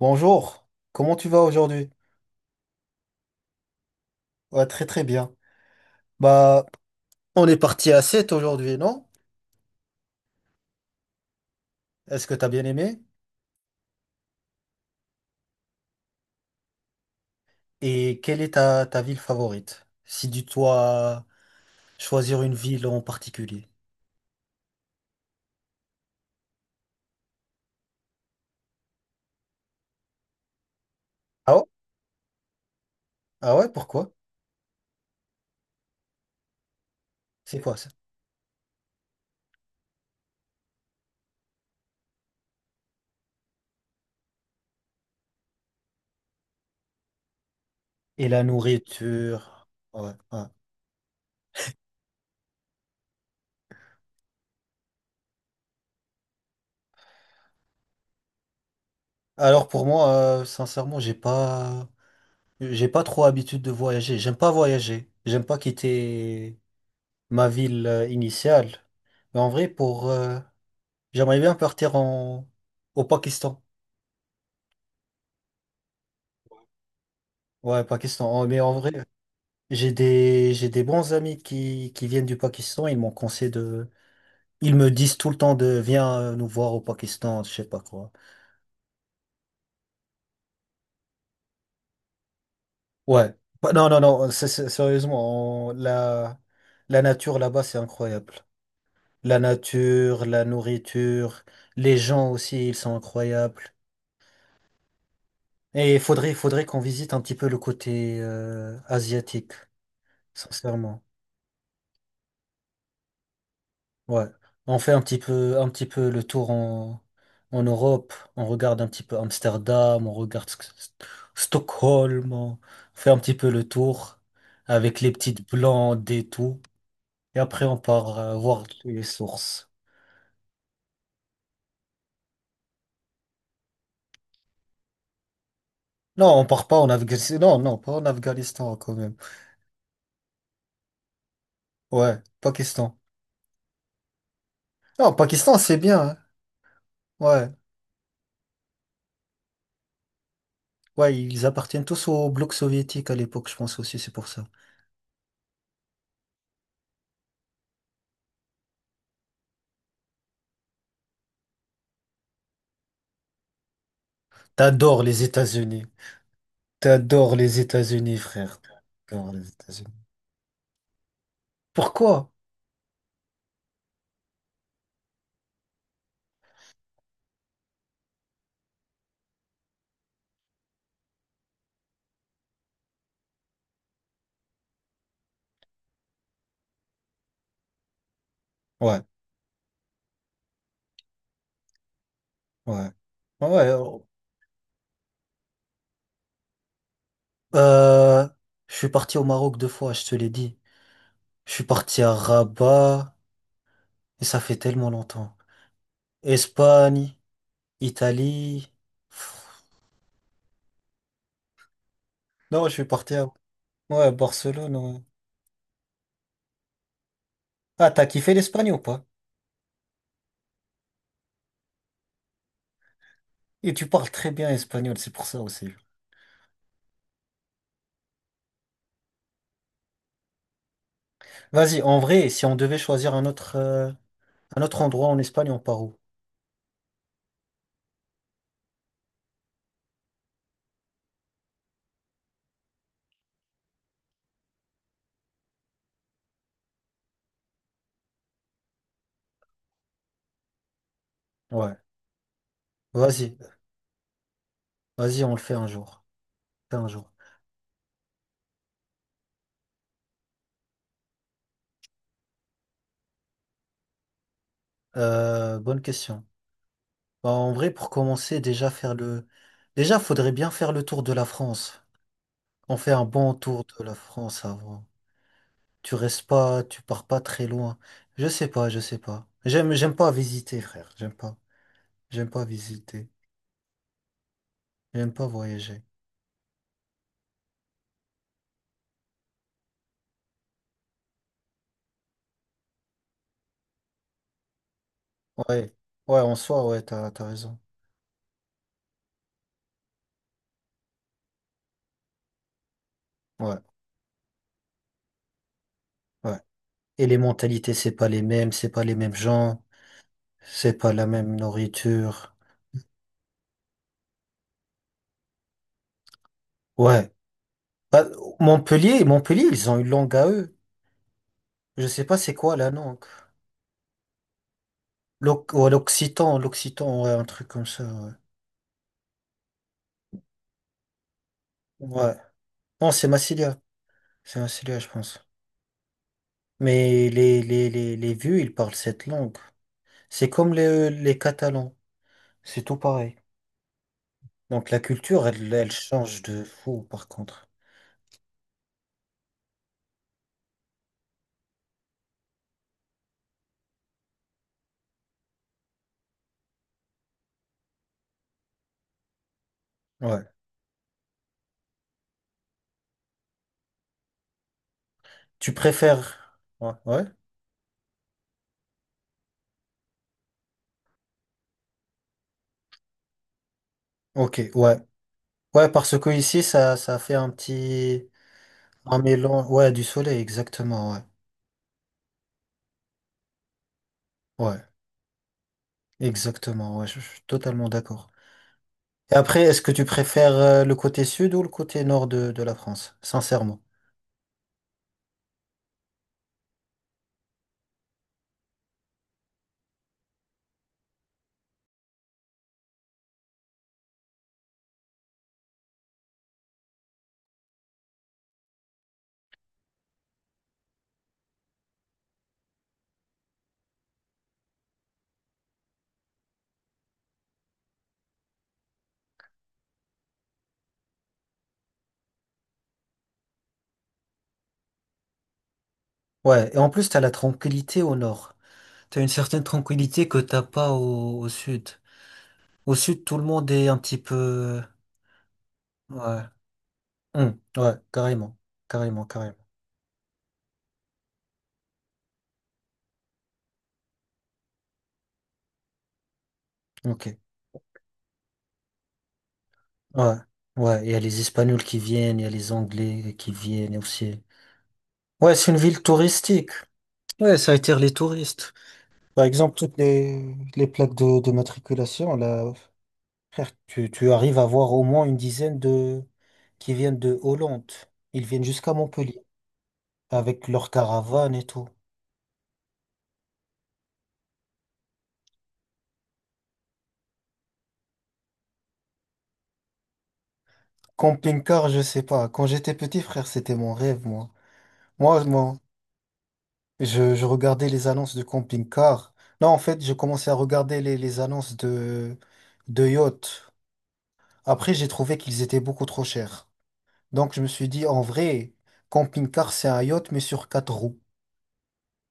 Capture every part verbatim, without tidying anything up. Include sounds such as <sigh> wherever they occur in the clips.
Bonjour, comment tu vas aujourd'hui? Ouais, très très bien. Bah, on est parti à sept aujourd'hui, non? Est-ce que t'as bien aimé? Et quelle est ta, ta ville favorite? Si tu dois choisir une ville en particulier. Ah ouais? Ah ouais, pourquoi? C'est quoi ça? Et la nourriture. Ouais, ouais. Alors pour moi, euh, sincèrement, j'ai pas j'ai pas trop habitude de voyager. J'aime pas voyager. J'aime pas quitter ma ville euh, initiale. Mais en vrai, pour, euh, j'aimerais bien partir en... au Pakistan. Ouais, Pakistan. En- Mais en vrai, j'ai des, j'ai des bons amis qui, qui viennent du Pakistan. Ils m'ont conseillé de. Ils me disent tout le temps de viens euh, nous voir au Pakistan, je sais pas quoi. Ouais. Bah, non, non, non. c'est- c'est- Sérieusement, on- la... la nature là-bas, c'est incroyable. La nature, la nourriture, les gens aussi, ils sont incroyables. Et il faudrait, il faudrait qu'on visite un petit peu le côté euh, asiatique, sincèrement. Ouais. On fait un petit peu, un petit peu le tour en, en Europe. On regarde un petit peu Amsterdam, on regarde Sk- Sk- Stockholm. On fait un petit peu le tour avec les petites blondes et tout. Et après, on part euh, voir les sources. Non, on part pas en Afghanistan. Non, non, pas en Afghanistan quand même. Ouais, Pakistan. Non, Pakistan, c'est bien, hein. Ouais, ouais, ils appartiennent tous au bloc soviétique à l'époque, je pense aussi, c'est pour ça. T'adores les États-Unis. T'adores les États-Unis, frère. T'adores les États-Unis. Pourquoi? Ouais, ouais. Ouais. Euh, je suis parti au Maroc deux fois, je te l'ai dit. Je suis parti à Rabat, et ça fait tellement longtemps. Espagne, Italie. Pff, non, je suis parti à, ouais, à Barcelone, ouais. Ah, t'as kiffé l'Espagne ou pas? Et tu parles très bien espagnol, c'est pour ça aussi. Vas-y, en vrai, si on devait choisir un autre, euh, un autre endroit en Espagne, on part où? Ouais. Vas-y. Vas-y, on le fait un jour. Fait un jour. Euh, bonne question. Bah, en vrai, pour commencer, déjà faire le. Déjà, faudrait bien faire le tour de la France. On fait un bon tour de la France avant. Tu restes pas, tu pars pas très loin. Je sais pas, je sais pas. J'aime, j'aime pas visiter, frère. J'aime pas. J'aime pas visiter. J'aime pas voyager. Ouais. Ouais, en soi, ouais, t'as, t'as raison. Ouais, ouais. Et les mentalités, c'est pas les mêmes, c'est pas les mêmes gens, c'est pas la même nourriture. Ouais. Bah, Montpellier, Montpellier, ils ont une langue à eux. Je sais pas c'est quoi la langue. L'oc- ouais, l'occitan, l'occitan, ouais, un truc comme ça. Ouais. Ouais. Non, c'est Massilia. C'est Massilia, je pense. Mais les, les, les, les vieux, ils parlent cette langue. C'est comme les, les Catalans. C'est tout pareil. Donc la culture, elle, elle change de fou, par contre. Ouais. Tu préfères. Ouais. Ouais. Ok, ouais. Ouais, parce que ici, ça, ça fait un petit. un mélange. Ouais, du soleil, exactement, ouais. Ouais. Exactement, ouais, je, je suis totalement d'accord. Et après, est-ce que tu préfères euh, le côté sud ou le côté nord de, de la France, sincèrement? Ouais, et en plus, t'as la tranquillité au nord. T'as une certaine tranquillité que t'as pas au, au sud. Au sud, tout le monde est un petit peu. Ouais, hum, ouais, carrément, carrément, carrément. Ok, ouais, ouais, il y a les Espagnols qui viennent, il y a les Anglais qui viennent aussi. Ouais, c'est une ville touristique. Ouais, ça attire les touristes. Par exemple, toutes les, les plaques de, de matriculation, là, frère, tu, tu arrives à voir au moins une dizaine de qui viennent de Hollande. Ils viennent jusqu'à Montpellier avec leur caravane et tout. Camping-car, je sais pas. Quand j'étais petit, frère, c'était mon rêve, moi. Moi, moi, je, je regardais les annonces de camping-car. Non, en fait, je commençais à regarder les, les annonces de, de yacht. Après, j'ai trouvé qu'ils étaient beaucoup trop chers. Donc, je me suis dit, en vrai, camping-car, c'est un yacht, mais sur quatre roues.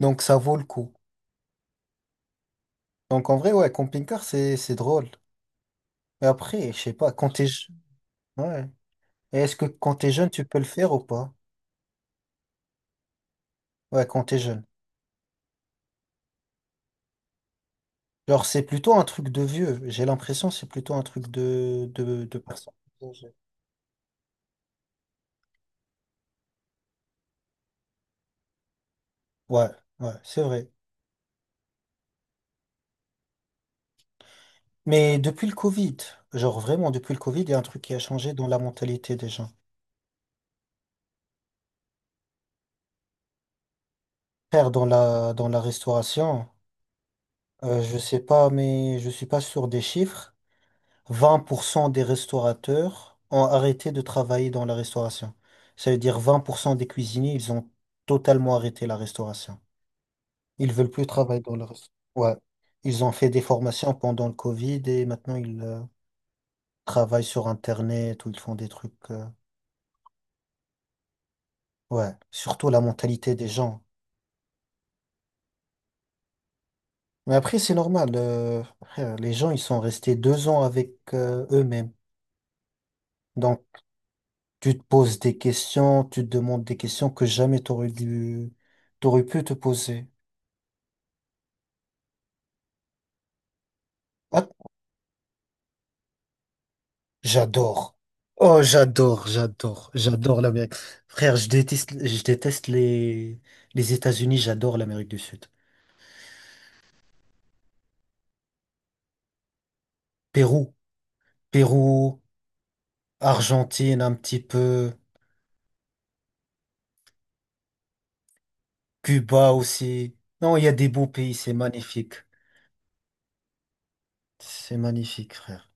Donc ça vaut le coup. Donc en vrai, ouais, camping-car, c'est c'est drôle. Mais après, je sais pas, quand t'es je- ouais. Et est-ce que quand t'es jeune, tu peux le faire ou pas? Ouais, quand t'es jeune. Genre, c'est plutôt un truc de vieux. J'ai l'impression que c'est plutôt un truc de, de, de personne. Ouais, ouais, c'est vrai. Mais depuis le Covid, genre vraiment depuis le Covid, il y a un truc qui a changé dans la mentalité des gens. Faire dans la dans la restauration, euh, je sais pas, mais je suis pas sûr des chiffres. vingt pour cent des restaurateurs ont arrêté de travailler dans la restauration. Ça veut dire vingt pour cent des cuisiniers, ils ont totalement arrêté la restauration. Ils veulent plus travailler dans la restauration. Ouais. Ils ont fait des formations pendant le Covid et maintenant ils euh, travaillent sur Internet ou ils font des trucs. euh, Ouais. Surtout la mentalité des gens. Mais après, c'est normal. Euh, frère, les gens, ils sont restés deux ans avec euh, eux-mêmes. Donc, tu te poses des questions, tu te demandes des questions que jamais t'aurais dû, t'aurais pu te poser. Ah, j'adore. Oh, j'adore, j'adore, j'adore l'Amérique. Frère, je déteste, je déteste les, les États-Unis, j'adore l'Amérique du Sud. Pérou, Pérou, Argentine un petit peu, Cuba aussi. Non, il y a des beaux pays, c'est magnifique. C'est magnifique, frère.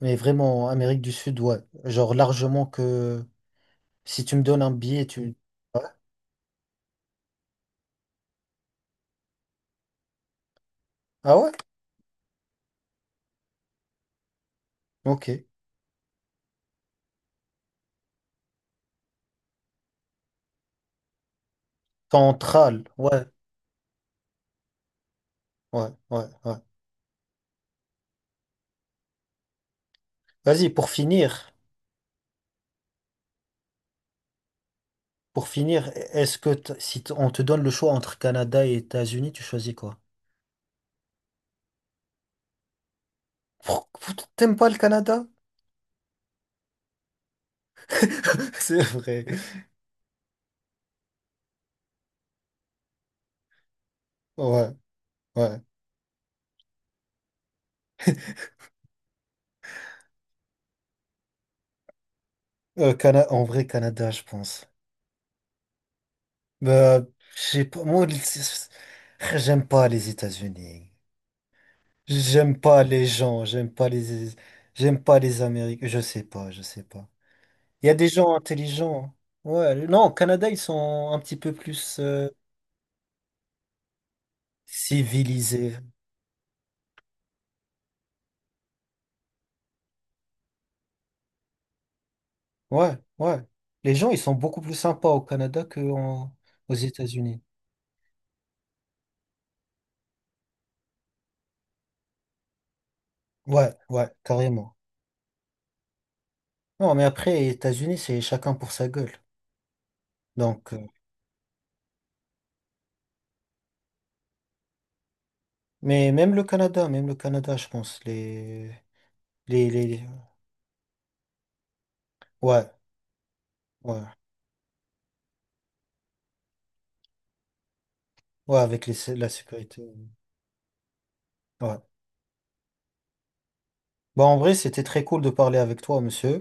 Mais vraiment, Amérique du Sud, ouais. Genre largement que si tu me donnes un billet, tu. Ouais. Ah ouais? Ok. Central. Ouais, ouais, ouais, ouais. Vas-y, pour finir, pour finir, est-ce que t- si t- on te donne le choix entre Canada et États-Unis, tu choisis quoi? Pour- pour- T'aimes pas le Canada? <laughs> C'est vrai. Ouais, ouais. Euh, Cana- en vrai, Canada, je pense. Bah, j'ai pas, moi, le- c'est- c'est- j'aime pas les États-Unis. J'aime pas les gens, j'aime pas les, j'aime pas les Américains. Je sais pas, je sais pas. Il y a des gens intelligents. Ouais, non, au Canada, ils sont un petit peu plus euh, civilisés. Ouais, ouais. Les gens, ils sont beaucoup plus sympas au Canada qu'aux aux États-Unis. Ouais, ouais, carrément. Non, mais après, les États-Unis, c'est chacun pour sa gueule. Donc, euh, mais même le Canada, même le Canada, je pense, les, les, les, les- ouais, ouais, ouais, avec les, sé- la sécurité. Ouais. Bon, en vrai, c'était très cool de parler avec toi, monsieur.